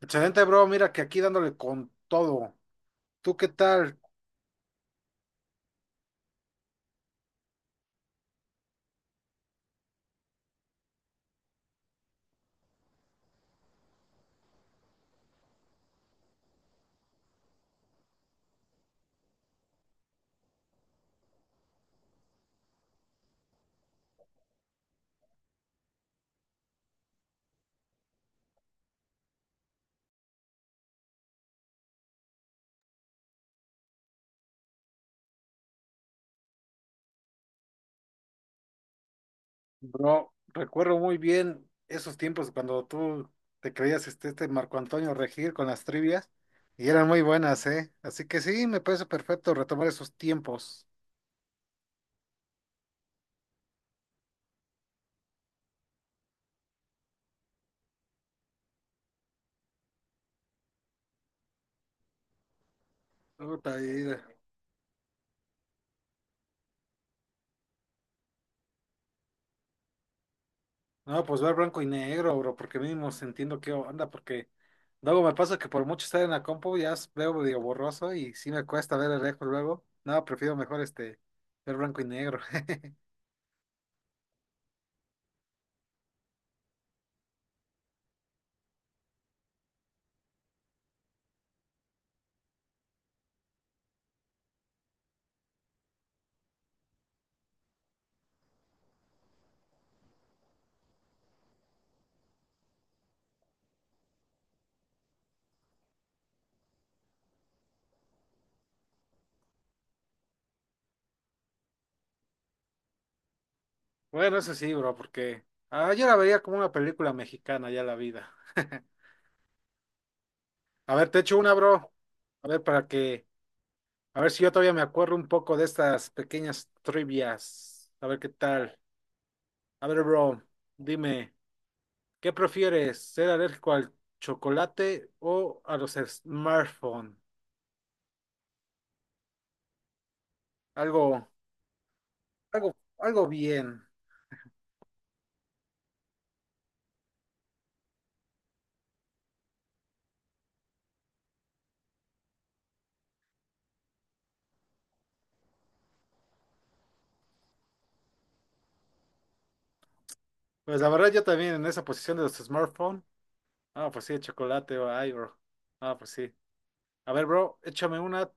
Excelente, bro. Mira que aquí dándole con todo. ¿Tú qué tal, bro? Recuerdo muy bien esos tiempos cuando tú te creías este Marco Antonio Regir con las trivias y eran muy buenas, ¿eh? Así que sí, me parece perfecto retomar esos tiempos. Puta vida. No, pues ver blanco y negro, bro, porque mínimo entiendo qué onda, porque luego me pasa que por mucho estar en la compu ya veo medio borroso y sí me cuesta ver el lejos luego. No, prefiero mejor este ver blanco y negro. Bueno, eso sí, bro, porque yo la vería como una película mexicana ya la vida. A ver, te echo una, bro. A ver, a ver si yo todavía me acuerdo un poco de estas pequeñas trivias. A ver qué tal. A ver, bro, dime, ¿qué prefieres? ¿Ser alérgico al chocolate o a los smartphones? Algo, algo bien. Pues la verdad, yo también en esa posición de los smartphones. Ah, pues sí, el chocolate, ay, bro. Ah, pues sí. A ver, bro, échame una,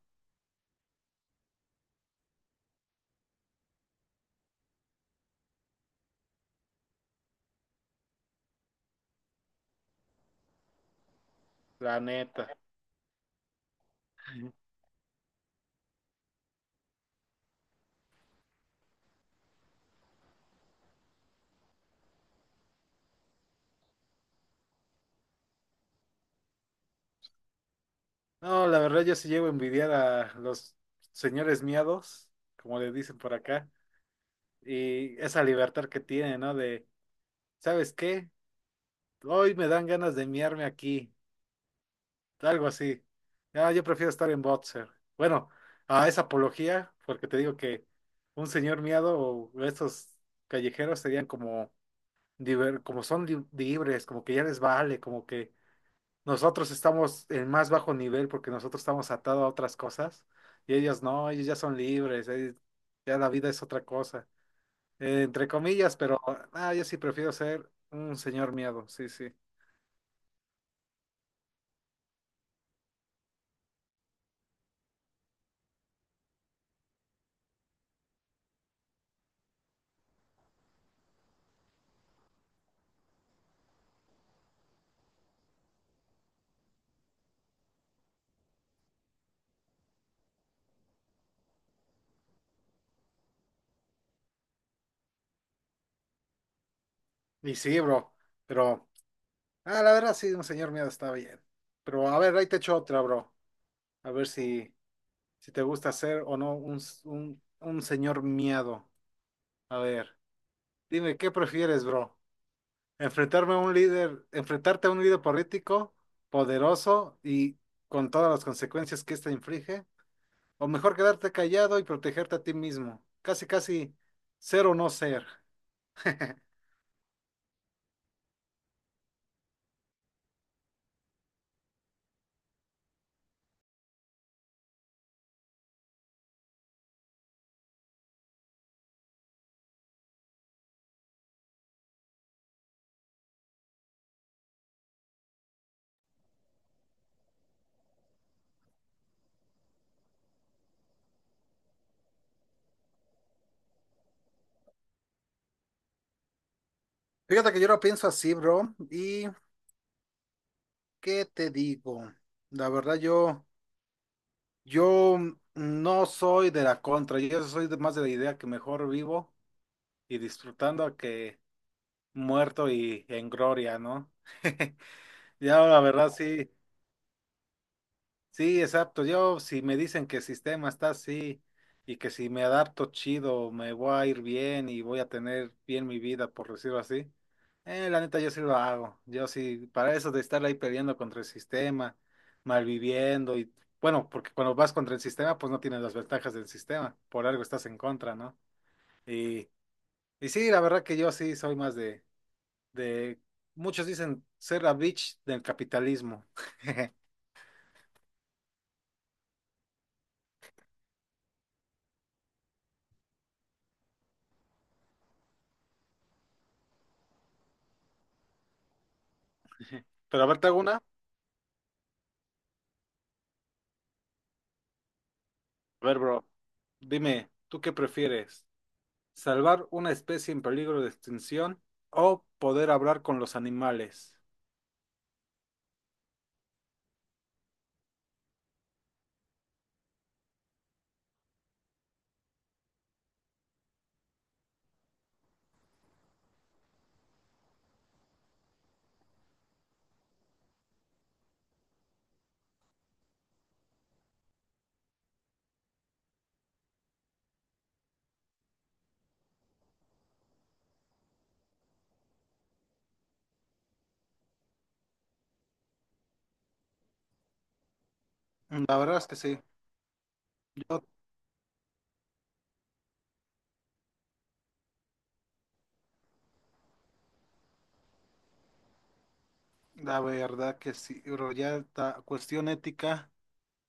la neta. No, la verdad yo sí llevo a envidiar a los señores miados, como le dicen por acá, y esa libertad que tienen, ¿no? De, ¿sabes qué? Hoy me dan ganas de miarme aquí, algo así. Ah, yo prefiero estar en boxer. Bueno, a esa apología, porque te digo que un señor miado o estos callejeros serían como, como son libres, como que ya les vale, como que nosotros estamos en más bajo nivel porque nosotros estamos atados a otras cosas y ellos no, ellos ya son libres, ya la vida es otra cosa, entre comillas, pero yo sí prefiero ser un señor miedo, sí, sí. Y sí, bro, pero la verdad sí, un señor miedo está bien. Pero a ver, ahí te echo otra, bro, a ver si, si te gusta ser o no un señor miedo. A ver, dime, ¿qué prefieres, bro? Enfrentarme a un líder, enfrentarte a un líder político poderoso y con todas las consecuencias que ésta inflige, o mejor quedarte callado y protegerte a ti mismo. Casi, casi ser o no ser. Fíjate que yo lo pienso así, bro. ¿Y qué te digo? La verdad, yo no soy de la contra, yo soy más de la idea que mejor vivo y disfrutando que muerto y en gloria, ¿no? Ya la verdad sí, sí, exacto. Yo, si me dicen que el sistema está así y que si me adapto chido, me voy a ir bien y voy a tener bien mi vida, por decirlo así, la neta yo sí lo hago. Yo sí, para eso de estar ahí peleando contra el sistema, malviviendo y bueno, porque cuando vas contra el sistema, pues no tienes las ventajas del sistema, por algo estás en contra, ¿no? Y, y sí, la verdad que yo sí soy más de, muchos dicen ser la bitch del capitalismo. Pero a ver, te hago una. A ver, bro, dime, ¿tú qué prefieres? ¿Salvar una especie en peligro de extinción o poder hablar con los animales? La verdad es que sí. Yo, la verdad que sí, bro, ya esta cuestión ética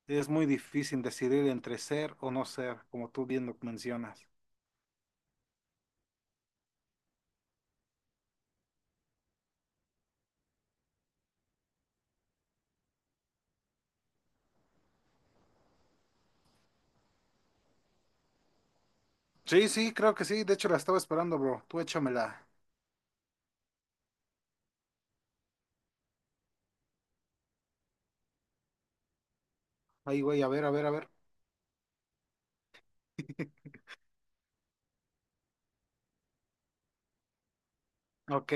es muy difícil decidir entre ser o no ser, como tú bien lo mencionas. Sí, sí, creo que sí. De hecho, la estaba esperando, bro. Tú échamela. Ahí, güey, a ver, a ver, a ver. Ok.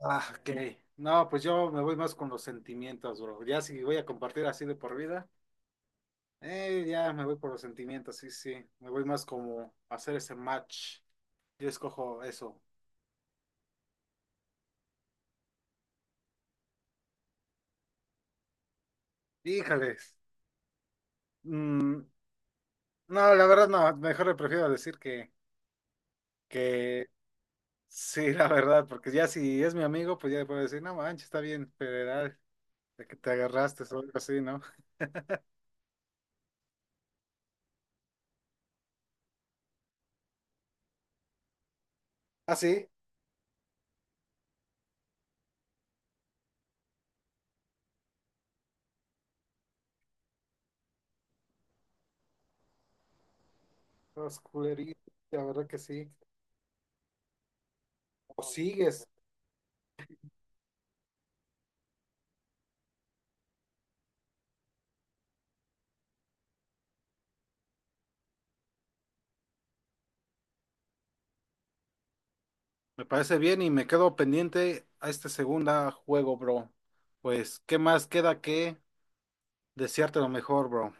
Ah, ok. No, pues yo me voy más con los sentimientos, bro. Ya si voy a compartir así de por vida. Ya me voy por los sentimientos, sí, sí. Me voy más como a hacer ese match. Yo escojo eso. Híjales. Mm, no, la verdad no. Mejor le prefiero decir que sí, la verdad, porque ya si es mi amigo, pues ya le puedo decir, no manches, está bien, federal, de que te agarraste o algo así, ¿no? Ah, sí. Los culeritos, la verdad que sí. O sigues. Me parece bien y me quedo pendiente a este segundo juego, bro. Pues, ¿qué más queda que desearte lo mejor, bro?